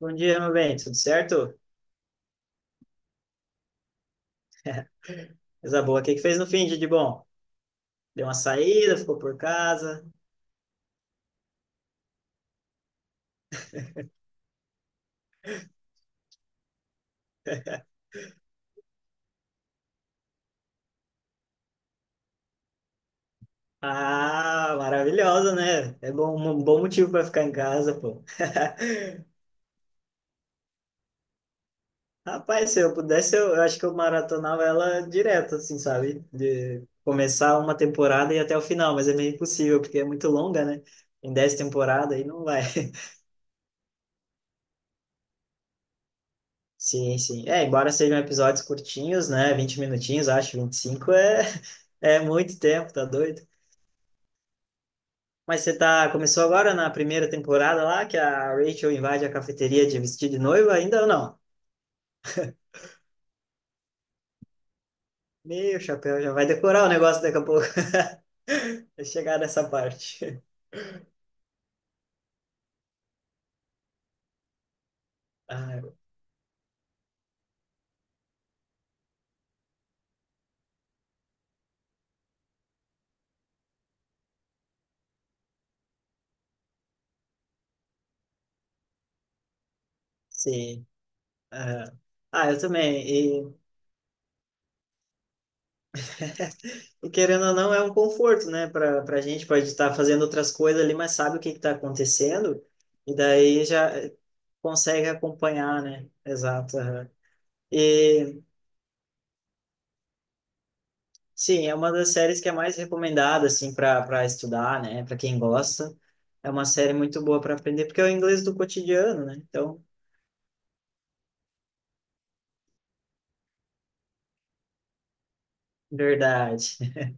Bom dia, meu bem, tudo certo? Coisa boa, o que que fez no fim de bom? Deu uma saída, ficou por casa? Ah, maravilhosa, né? É bom, um bom motivo para ficar em casa, pô. Rapaz, se eu pudesse, eu acho que eu maratonava ela direto, assim, sabe? De começar uma temporada e ir até o final, mas é meio impossível, porque é muito longa, né? Em 10 temporadas aí não vai. Sim, sim. É, embora sejam episódios curtinhos, né? 20 minutinhos, acho, 25 é, é muito tempo, tá doido? Mas você tá, começou agora na primeira temporada lá, que a Rachel invade a cafeteria de vestir de noiva, ainda ou não? Meu chapéu, já vai decorar o negócio daqui a pouco. Vai chegar nessa parte. Ah, sim. Aham. Ah, eu também. E, e querendo ou não, é um conforto, né, para gente, pode estar fazendo outras coisas ali, mas sabe o que está acontecendo, e daí já consegue acompanhar, né? Exato. Aham. E sim, é uma das séries que é mais recomendada assim para estudar, né? Para quem gosta, é uma série muito boa para aprender porque é o inglês do cotidiano, né? Então, verdade.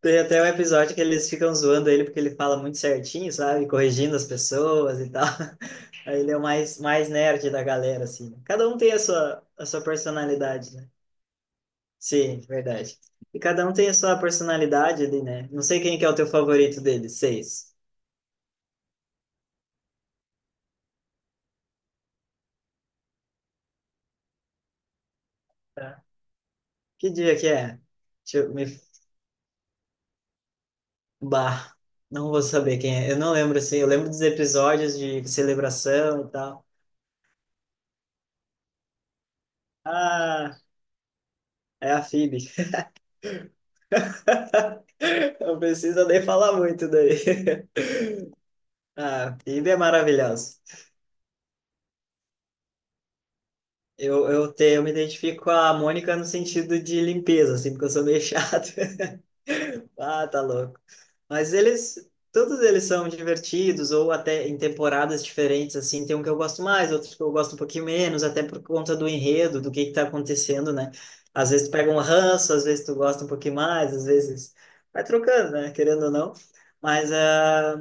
Tem até um episódio que eles ficam zoando ele porque ele fala muito certinho, sabe? Corrigindo as pessoas e tal. Aí ele é o mais nerd da galera assim. Né. Cada um tem a sua personalidade, né? Sim, verdade. E cada um tem a sua personalidade ali, né? Não sei quem que é o teu favorito deles, seis. Tá. Que dia que é? Deixa eu- me Bah, não vou saber quem é. Eu não lembro assim. Eu lembro dos episódios de celebração e tal. Ah, é a Phoebe. Não precisa nem falar muito daí. Ah, a Phoebe é maravilhosa. Eu me identifico com a Mônica no sentido de limpeza, assim, porque eu sou meio chato. Ah, tá louco. Mas eles, todos eles são divertidos, ou até em temporadas diferentes, assim, tem um que eu gosto mais, outro que eu gosto um pouquinho menos, até por conta do enredo, do que tá acontecendo, né? Às vezes tu pega um ranço, às vezes tu gosta um pouquinho mais, às vezes vai trocando, né? Querendo ou não. Mas ah,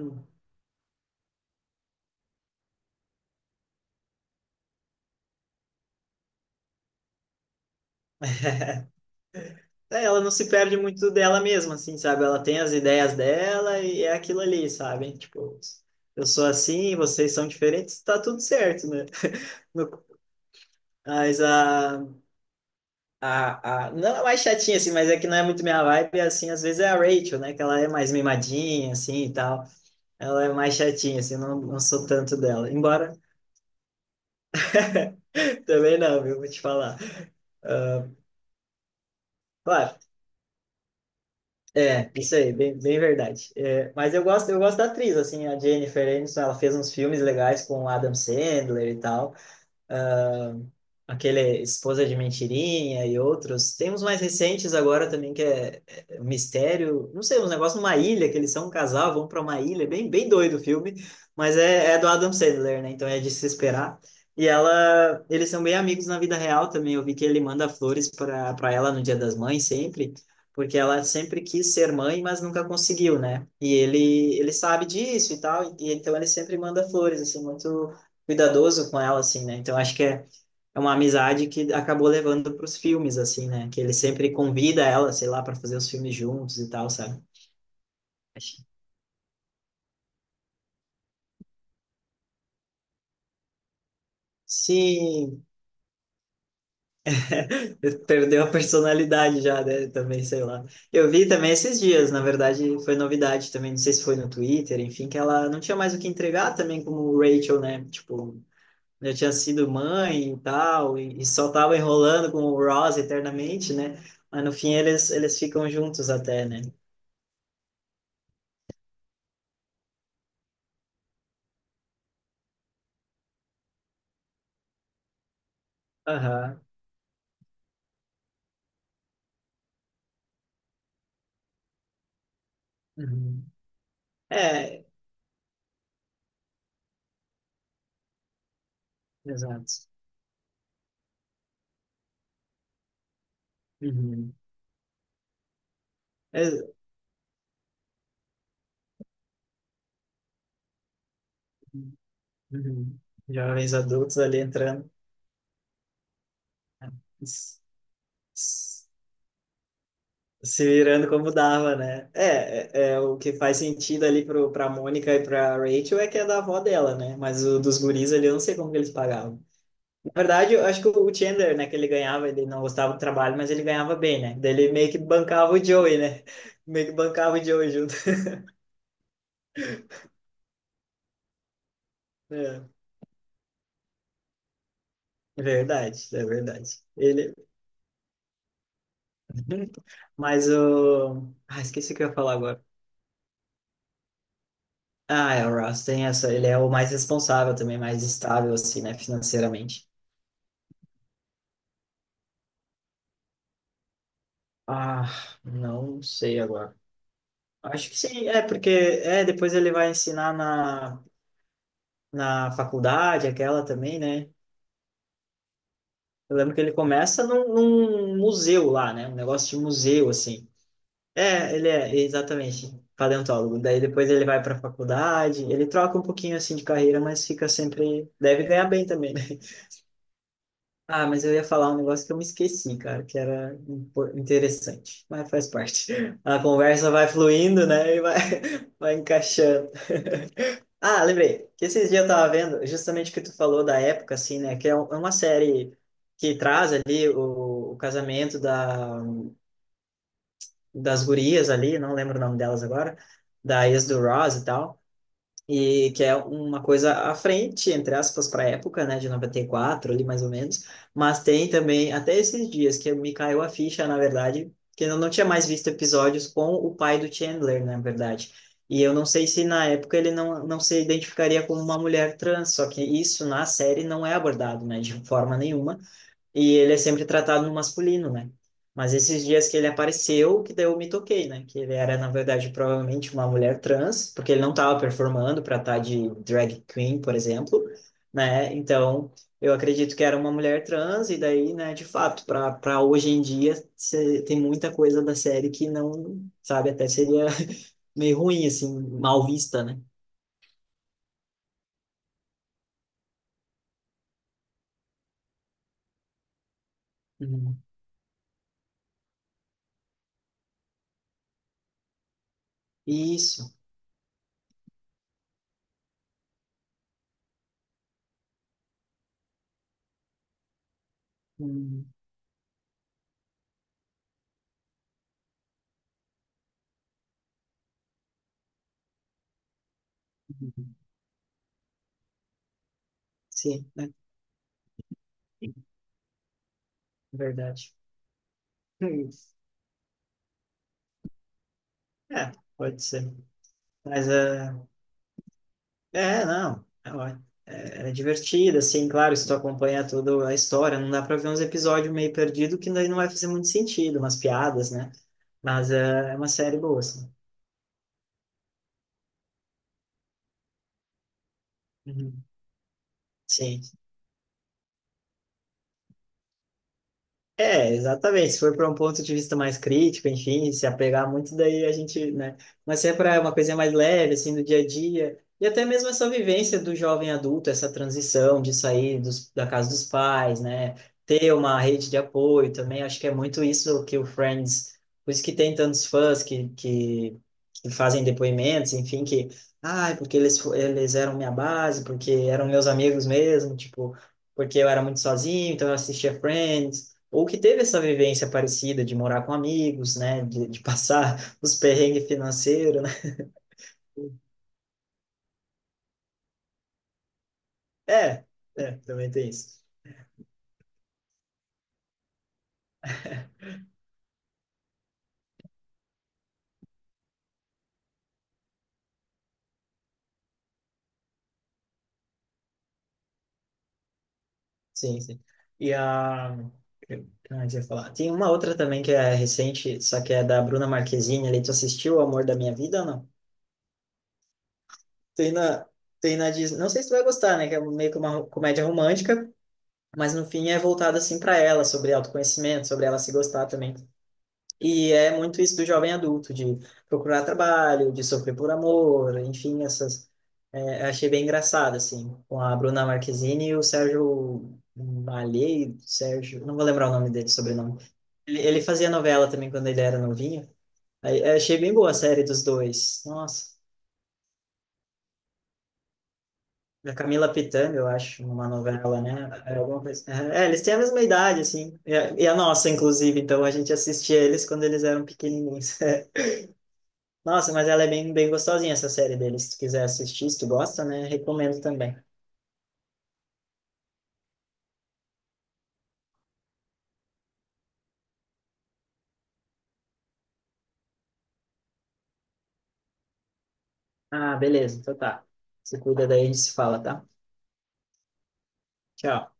é, ela não se perde muito dela mesma, assim, sabe? Ela tem as ideias dela e é aquilo ali, sabe? Tipo, eu sou assim, vocês são diferentes, tá tudo certo, né? No- Mas a não é mais chatinha, assim, mas é que não é muito minha vibe, assim, às vezes é a Rachel, né, que ela é mais mimadinha, assim, e tal, ela é mais chatinha, assim, não, não sou tanto dela, embora também não, viu, vou te falar. Claro, é, isso aí, bem, bem verdade. É, mas eu gosto da atriz, assim, a Jennifer Aniston, ela fez uns filmes legais com o Adam Sandler e tal, aquele Esposa de Mentirinha e outros. Tem uns mais recentes agora também que é, é um Mistério, não sei, uns negócios numa ilha, que eles são um casal, vão para uma ilha, é bem, bem doido o filme, mas é, é do Adam Sandler, né? Então é de se esperar. E ela, eles são bem amigos na vida real também. Eu vi que ele manda flores para ela no Dia das Mães sempre, porque ela sempre quis ser mãe, mas nunca conseguiu, né? E ele sabe disso e tal, e então ele sempre manda flores assim muito cuidadoso com ela assim, né? Então acho que é uma amizade que acabou levando para os filmes, assim, né? Que ele sempre convida ela, sei lá, para fazer os filmes juntos e tal, sabe? Sim, perdeu a personalidade já, né? Também, sei lá. Eu vi também esses dias, na verdade, foi novidade também, não sei se foi no Twitter, enfim, que ela não tinha mais o que entregar também como Rachel, né? Tipo, já tinha sido mãe e tal, e só tava enrolando com o Ross eternamente, né? Mas no fim eles ficam juntos até, né? Aham. Uhum. É, exato. Uhum. É, uhum. Jovens adultos ali entrando, né? s- s- Se virando como dava, né? É, é, é o que faz sentido ali pro, pra Mônica e pra Rachel é que é da avó dela, né? Mas o dos guris ali eu não sei como que eles pagavam. Na verdade, eu acho que o Chandler, né, que ele ganhava, ele não gostava do trabalho, mas ele ganhava bem, né? Daí ele meio que bancava o Joey, né? Meio que bancava o Joey junto. É, é verdade, é verdade. Ele, mas o. Ah, esqueci o que eu ia falar agora. Ah, é, o Ross tem essa. Ele é o mais responsável também, mais estável, assim, né, financeiramente. Ah, não sei agora. Acho que sim, é, porque é, depois ele vai ensinar na, na faculdade, aquela também, né? Eu lembro que ele começa num, num museu lá, né? Um negócio de museu, assim. É, ele é, exatamente, paleontólogo. Daí depois ele vai para a faculdade, ele troca um pouquinho, assim, de carreira, mas fica sempre. Deve ganhar bem também, né? Ah, mas eu ia falar um negócio que eu me esqueci, cara, que era interessante, mas faz parte. A conversa vai fluindo, né? E vai, vai encaixando. Ah, lembrei que esses dias eu tava vendo justamente o que tu falou da época, assim, né? Que é é uma série que traz ali o casamento da, das gurias ali, não lembro o nome delas agora, da ex do Ross e tal. E que é uma coisa à frente, entre aspas, para a época, né, de 94 ali mais ou menos, mas tem também até esses dias que me caiu a ficha, na verdade, que eu não tinha mais visto episódios com o pai do Chandler, na verdade. E eu não sei se na época ele não, não se identificaria como uma mulher trans, só que isso na série não é abordado, né, de forma nenhuma. E ele é sempre tratado no masculino, né? Mas esses dias que ele apareceu, que daí eu me toquei, né? Que ele era, na verdade, provavelmente uma mulher trans, porque ele não estava performando para estar de drag queen, por exemplo, né? Então, eu acredito que era uma mulher trans, e daí, né, de fato, para hoje em dia, tem muita coisa da série que não, sabe, até seria meio ruim, assim, mal vista, né? Uhum. Isso. Uhum. Sim, né? Verdade. É, pode ser. Mas é. É, não. É, é é divertido, assim, claro, se tu acompanhar toda a história, não dá pra ver uns episódios meio perdido que daí não vai fazer muito sentido, umas piadas, né? Mas é, é uma série boa, assim. Uhum. Sim. É, exatamente. Se for para um ponto de vista mais crítico, enfim, se apegar muito, daí a gente, né? Mas se é para uma coisa mais leve, assim, do dia a dia, e até mesmo essa vivência do jovem adulto, essa transição de sair dos, da casa dos pais, né? Ter uma rede de apoio também, acho que é muito isso que o Friends, por isso que tem tantos fãs que fazem depoimentos, enfim, que, ah, porque eles, eles eram minha base, porque eram meus amigos mesmo, tipo, porque eu era muito sozinho, então eu assistia Friends ou que teve essa vivência parecida de morar com amigos, né, de passar os perrengues financeiros, né? É, é, também tem isso. Sim, sim. E a... Não, eu ia falar. Tem uma outra também que é recente, só que é da Bruna Marquezine ali. Tu assistiu O Amor da Minha Vida ou não? Tem na, tem na Disney. Não sei se tu vai gostar, né? Que é meio que uma comédia romântica, mas no fim é voltada assim para ela, sobre autoconhecimento, sobre ela se gostar também. E é muito isso do jovem adulto, de procurar trabalho, de sofrer por amor, enfim, essas. É, eu achei bem engraçado, assim, com a Bruna Marquezine e o Sérgio Malheiros, Sérgio, não vou lembrar o nome dele, sobrenome. Ele fazia novela também quando ele era novinho. Aí, eu achei bem boa a série dos dois. Nossa, da Camila Pitanga, eu acho, numa novela, né? É, é, é, eles têm a mesma idade, assim, e a nossa, inclusive, então a gente assistia eles quando eles eram pequenininhos. Nossa, mas ela é bem, bem gostosinha essa série dele. Se tu quiser assistir, se tu gosta, né? Recomendo também. Ah, beleza, então tá. Se cuida daí, a gente se fala, tá? Tchau.